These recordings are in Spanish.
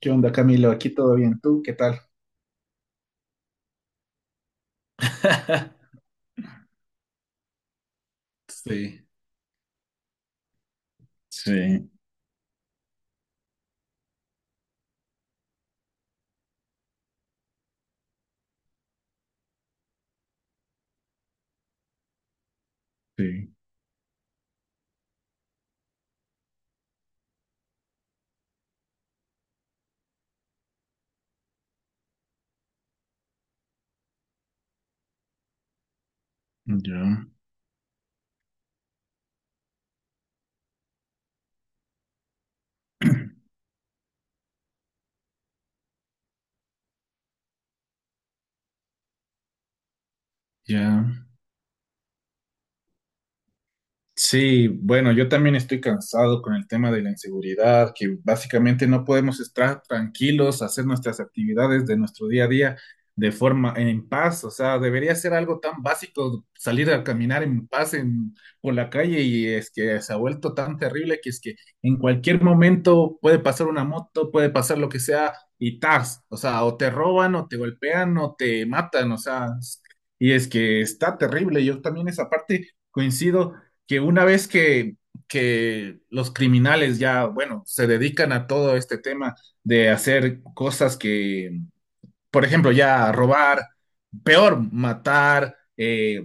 ¿Qué onda, Camilo? Aquí todo bien. ¿Tú qué tal? Sí, sí, sí, ya, ya. Sí, bueno, yo también estoy cansado con el tema de la inseguridad, que básicamente no podemos estar tranquilos, hacer nuestras actividades de nuestro día a día de forma en paz. O sea, debería ser algo tan básico salir a caminar en paz por la calle, y es que se ha vuelto tan terrible que es que en cualquier momento puede pasar una moto, puede pasar lo que sea y tas, o sea, o te roban o te golpean o te matan. O sea, y es que está terrible. Yo también esa parte coincido que una vez que los criminales ya, bueno, se dedican a todo este tema de hacer cosas que, por ejemplo, ya robar, peor, matar, eh,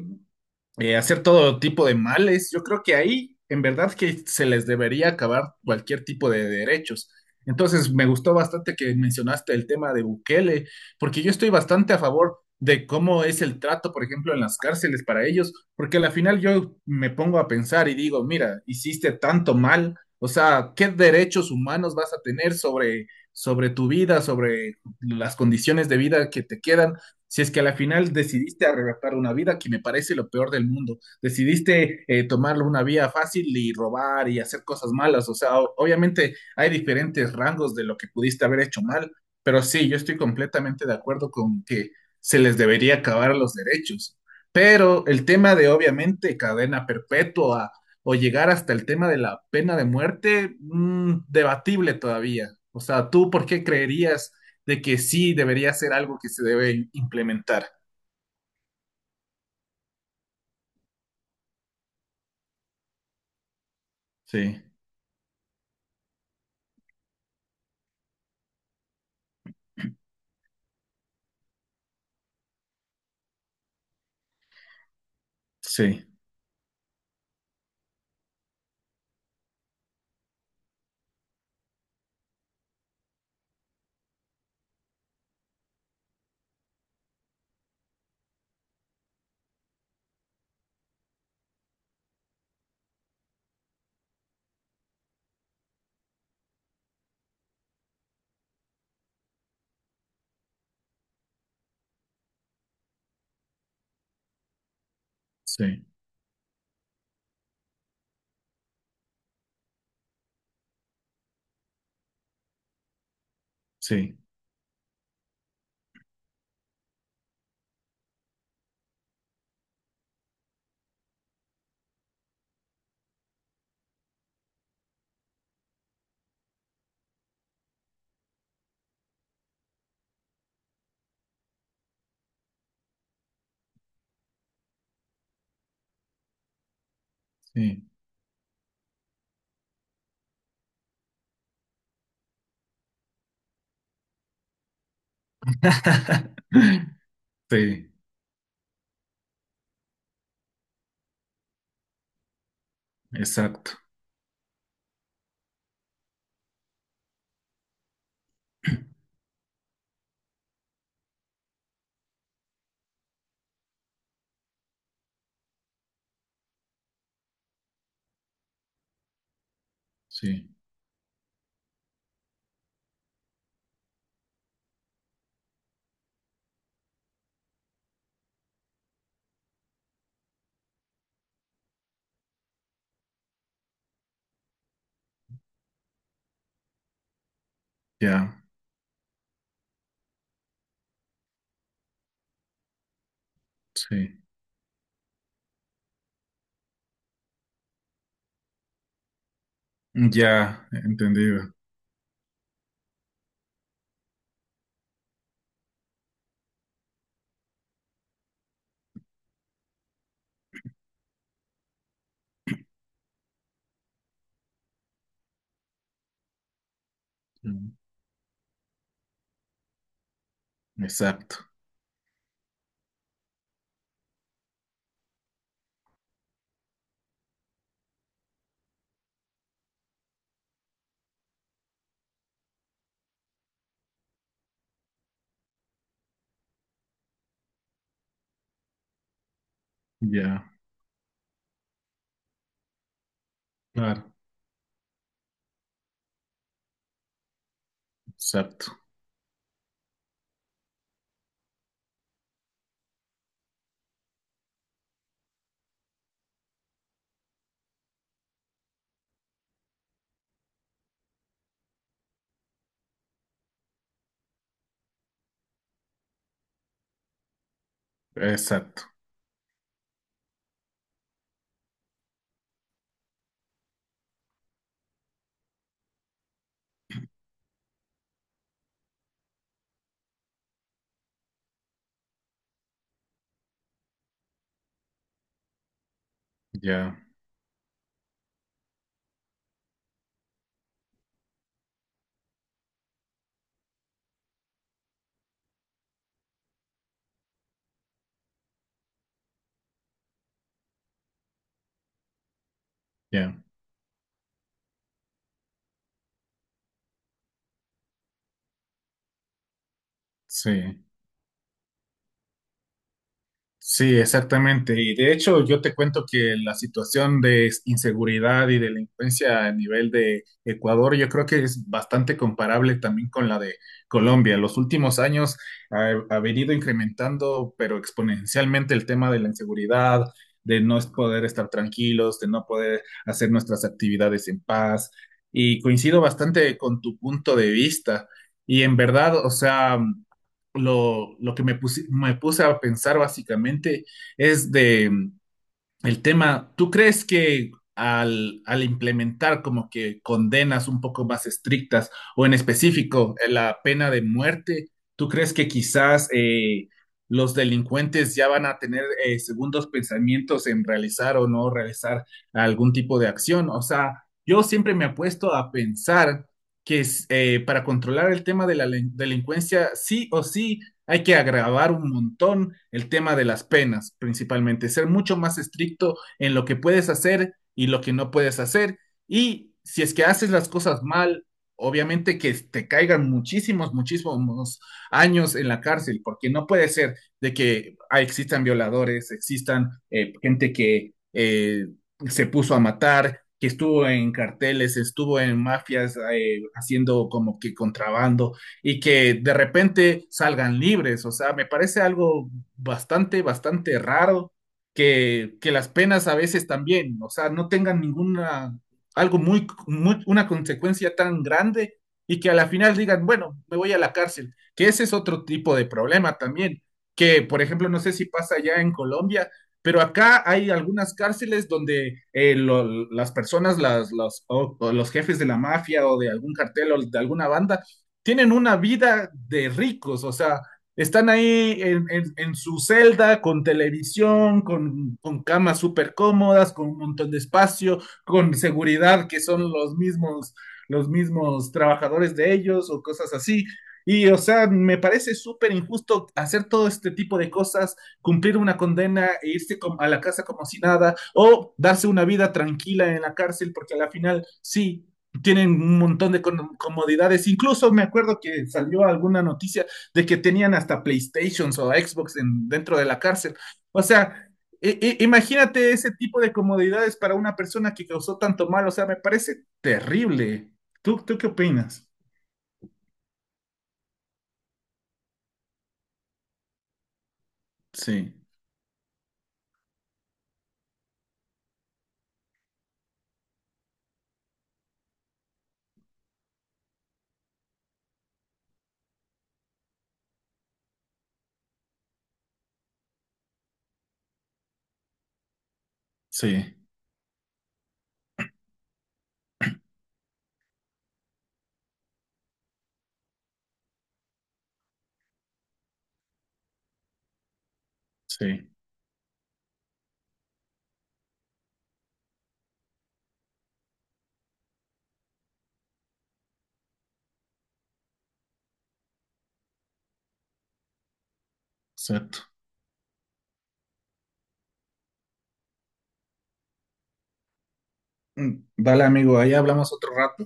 eh, hacer todo tipo de males. Yo creo que ahí, en verdad, que se les debería acabar cualquier tipo de derechos. Entonces, me gustó bastante que mencionaste el tema de Bukele, porque yo estoy bastante a favor de cómo es el trato, por ejemplo, en las cárceles para ellos, porque al final yo me pongo a pensar y digo, mira, hiciste tanto mal, o sea, ¿qué derechos humanos vas a tener sobre, sobre tu vida, sobre las condiciones de vida que te quedan? Si es que a la final decidiste arrebatar una vida, que me parece lo peor del mundo, decidiste tomarlo una vía fácil y robar y hacer cosas malas, o sea, obviamente hay diferentes rangos de lo que pudiste haber hecho mal, pero sí, yo estoy completamente de acuerdo con que se les debería acabar los derechos. Pero el tema de obviamente cadena perpetua o llegar hasta el tema de la pena de muerte, mm, debatible todavía. O sea, ¿tú por qué creerías de que sí debería ser algo que se debe implementar? Sí, sí, sí, sí, sí, sí, exacto. Sí, ya, sí, ya, entendido. Mm, exacto, ya, claro, exacto, exacto, ya, ya, sí, sí, exactamente. Y de hecho, yo te cuento que la situación de inseguridad y delincuencia a nivel de Ecuador, yo creo que es bastante comparable también con la de Colombia. Los últimos años ha venido incrementando, pero exponencialmente, el tema de la inseguridad, de no poder estar tranquilos, de no poder hacer nuestras actividades en paz. Y coincido bastante con tu punto de vista. Y en verdad, o sea, lo que me puse a pensar básicamente es de mm, el tema, ¿tú crees que al implementar como que condenas un poco más estrictas o en específico la pena de muerte, ¿tú crees que quizás los delincuentes ya van a tener segundos pensamientos en realizar o no realizar algún tipo de acción? O sea, yo siempre me he puesto a pensar que es, para controlar el tema de la delincuencia, sí o sí, hay que agravar un montón el tema de las penas, principalmente, ser mucho más estricto en lo que puedes hacer y lo que no puedes hacer. Y si es que haces las cosas mal, obviamente que te caigan muchísimos, muchísimos años en la cárcel, porque no puede ser de que existan violadores, existan gente que se puso a matar, que estuvo en carteles, estuvo en mafias haciendo como que contrabando y que de repente salgan libres. O sea, me parece algo bastante, bastante raro que las penas a veces también, o sea, no tengan ninguna, algo muy, muy, una consecuencia tan grande y que a la final digan, bueno, me voy a la cárcel, que ese es otro tipo de problema también, que por ejemplo, no sé si pasa ya en Colombia, pero acá hay algunas cárceles donde las personas, o los jefes de la mafia o de algún cartel o de alguna banda tienen una vida de ricos. O sea, están ahí en su celda con televisión, con camas súper cómodas, con un montón de espacio, con seguridad que son los mismos trabajadores de ellos o cosas así. Y, o sea, me parece súper injusto hacer todo este tipo de cosas, cumplir una condena e irse a la casa como si nada, o darse una vida tranquila en la cárcel, porque a la final, sí, tienen un montón de comodidades. Incluso me acuerdo que salió alguna noticia de que tenían hasta PlayStations o Xbox dentro de la cárcel. O sea, imagínate ese tipo de comodidades para una persona que causó tanto mal. O sea, me parece terrible. Tú qué opinas? Sí, sí, sí, exacto. Mm, vale, amigo, ahí hablamos otro rato.